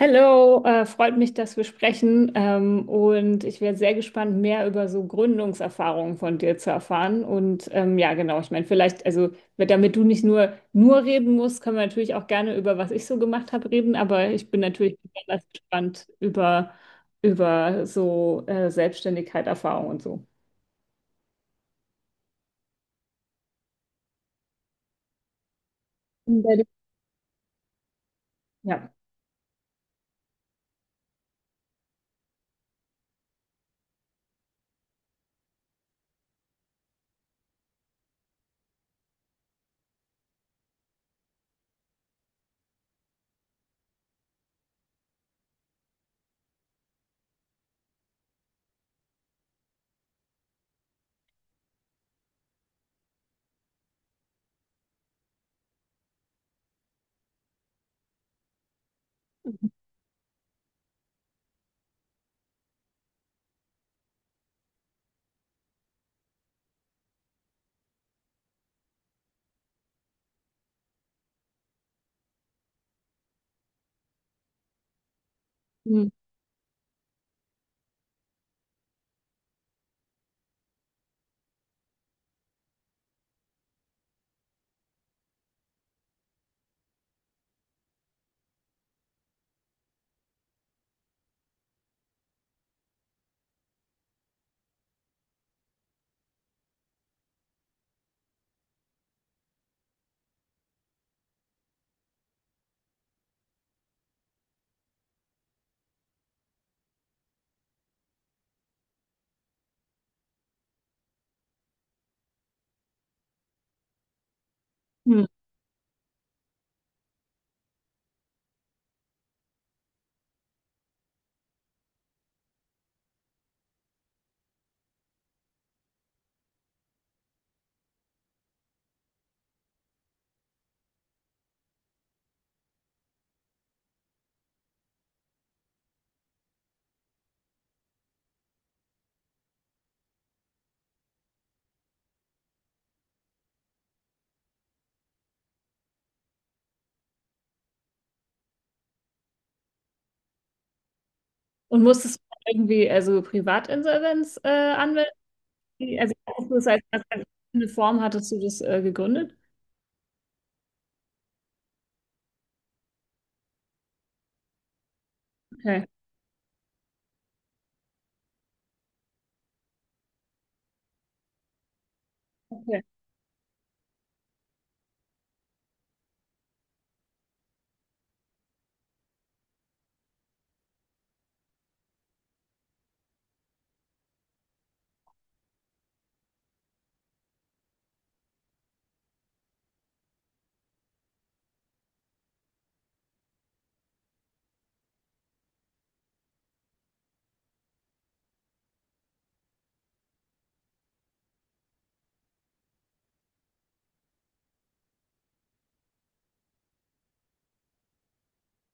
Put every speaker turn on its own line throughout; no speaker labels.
Hallo, freut mich, dass wir sprechen. Und ich wäre sehr gespannt, mehr über so Gründungserfahrungen von dir zu erfahren. Und ja, genau, ich meine, vielleicht, also damit du nicht nur reden musst, können wir natürlich auch gerne über was ich so gemacht habe reden. Aber ich bin natürlich besonders gespannt über so Selbstständigkeit, Erfahrung und so. Und bei dir- Ja. Hm. Hm. Und musstest du irgendwie also Privatinsolvenz anmelden? Also, hast du das als, als eine Form hattest du das gegründet? Okay, okay,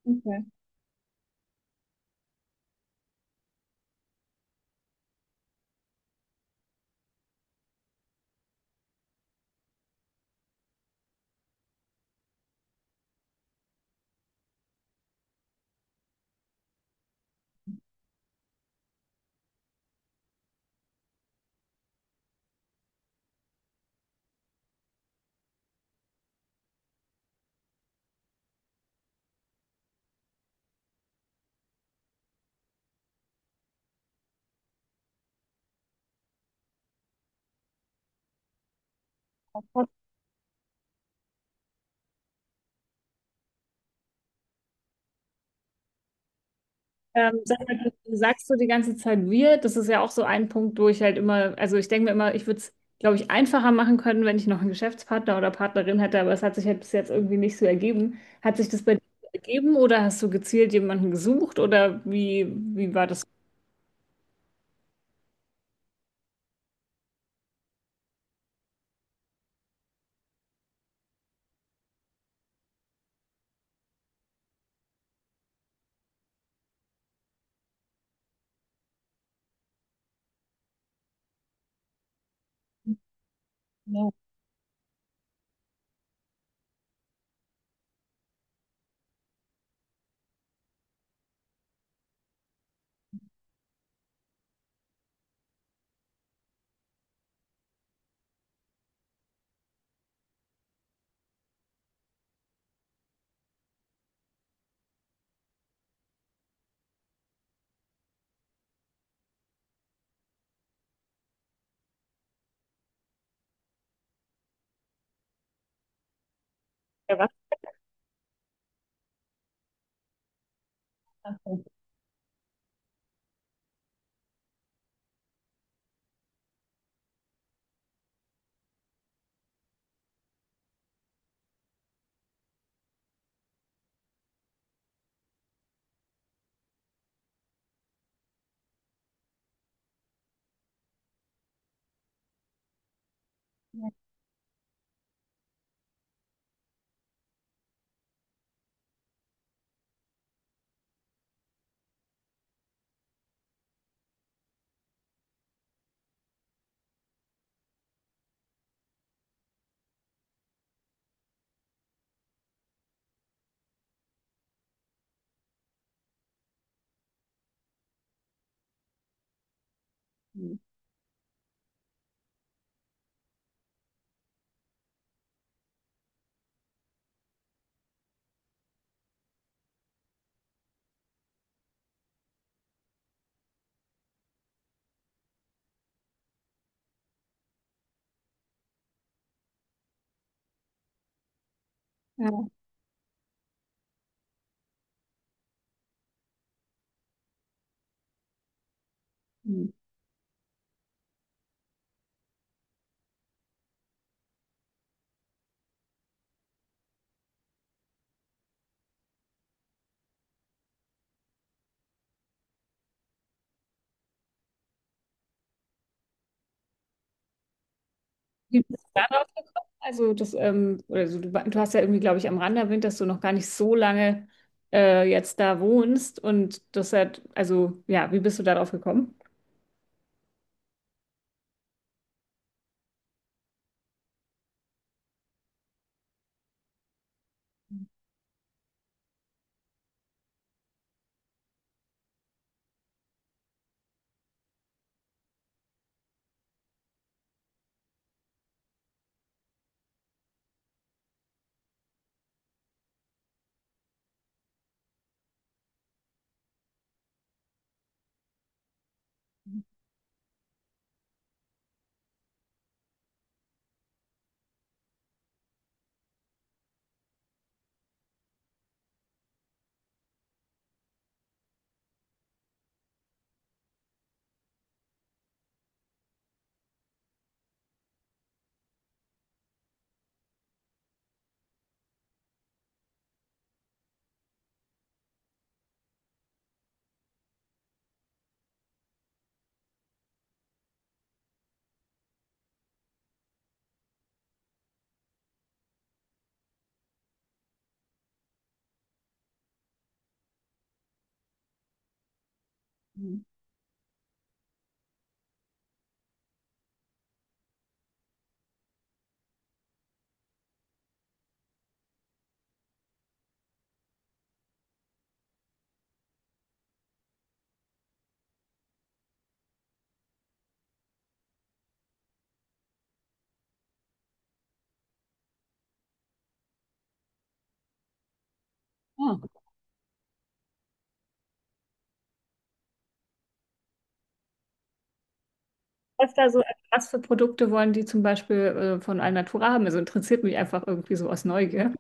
okay. Sag mal, du sagst so die ganze Zeit wir, das ist ja auch so ein Punkt, wo ich halt immer, also ich denke mir immer, ich würde es, glaube ich, einfacher machen können, wenn ich noch einen Geschäftspartner oder Partnerin hätte, aber es hat sich halt bis jetzt irgendwie nicht so ergeben. Hat sich das bei dir so ergeben oder hast du gezielt jemanden gesucht oder wie, wie war das? Ja. Ja. Was? Ja. Wie bist du da drauf gekommen? Also das, oder so, du hast ja irgendwie, glaube ich, am Rande erwähnt, dass du noch gar nicht so lange jetzt da wohnst und das hat, also ja, wie bist du darauf gekommen? Mhm. Ah. Was da so, also was für Produkte wollen die zum Beispiel von Alnatura haben? Also interessiert mich einfach irgendwie so aus Neugier.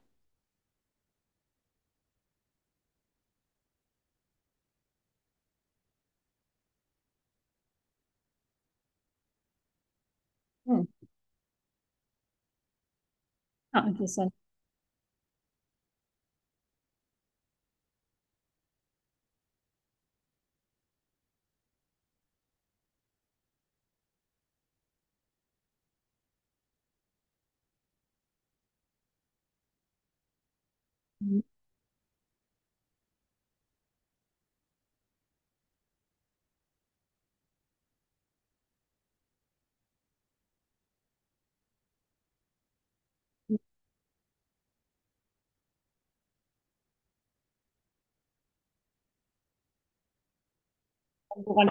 Hm. Ja, interessant. Mhm. Und woran?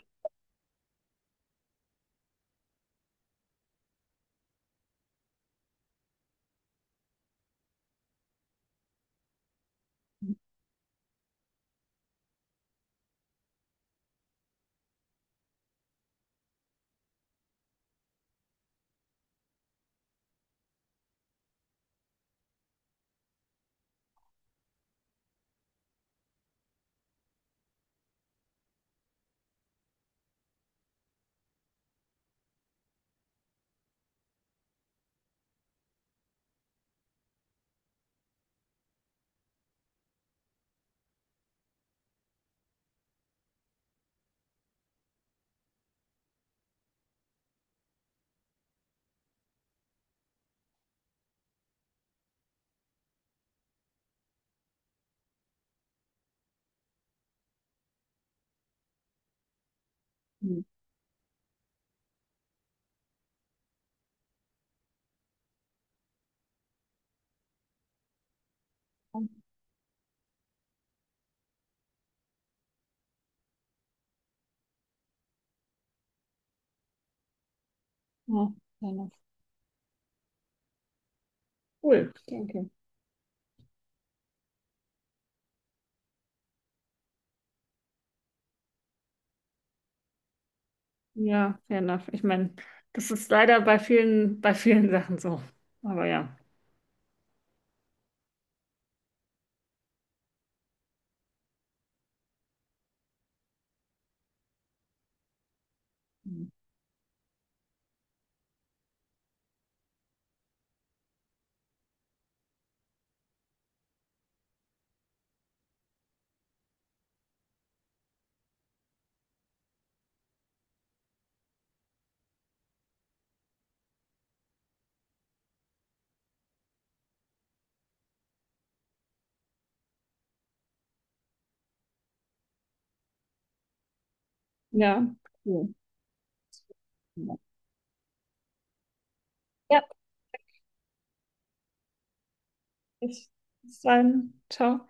Mhm. Ja, fair enough. Cool. Okay, okay. Ja, fair enough. Ich meine, das ist leider bei vielen Sachen so. Aber ja. Ja, cool. Ja, bis dann. Ciao.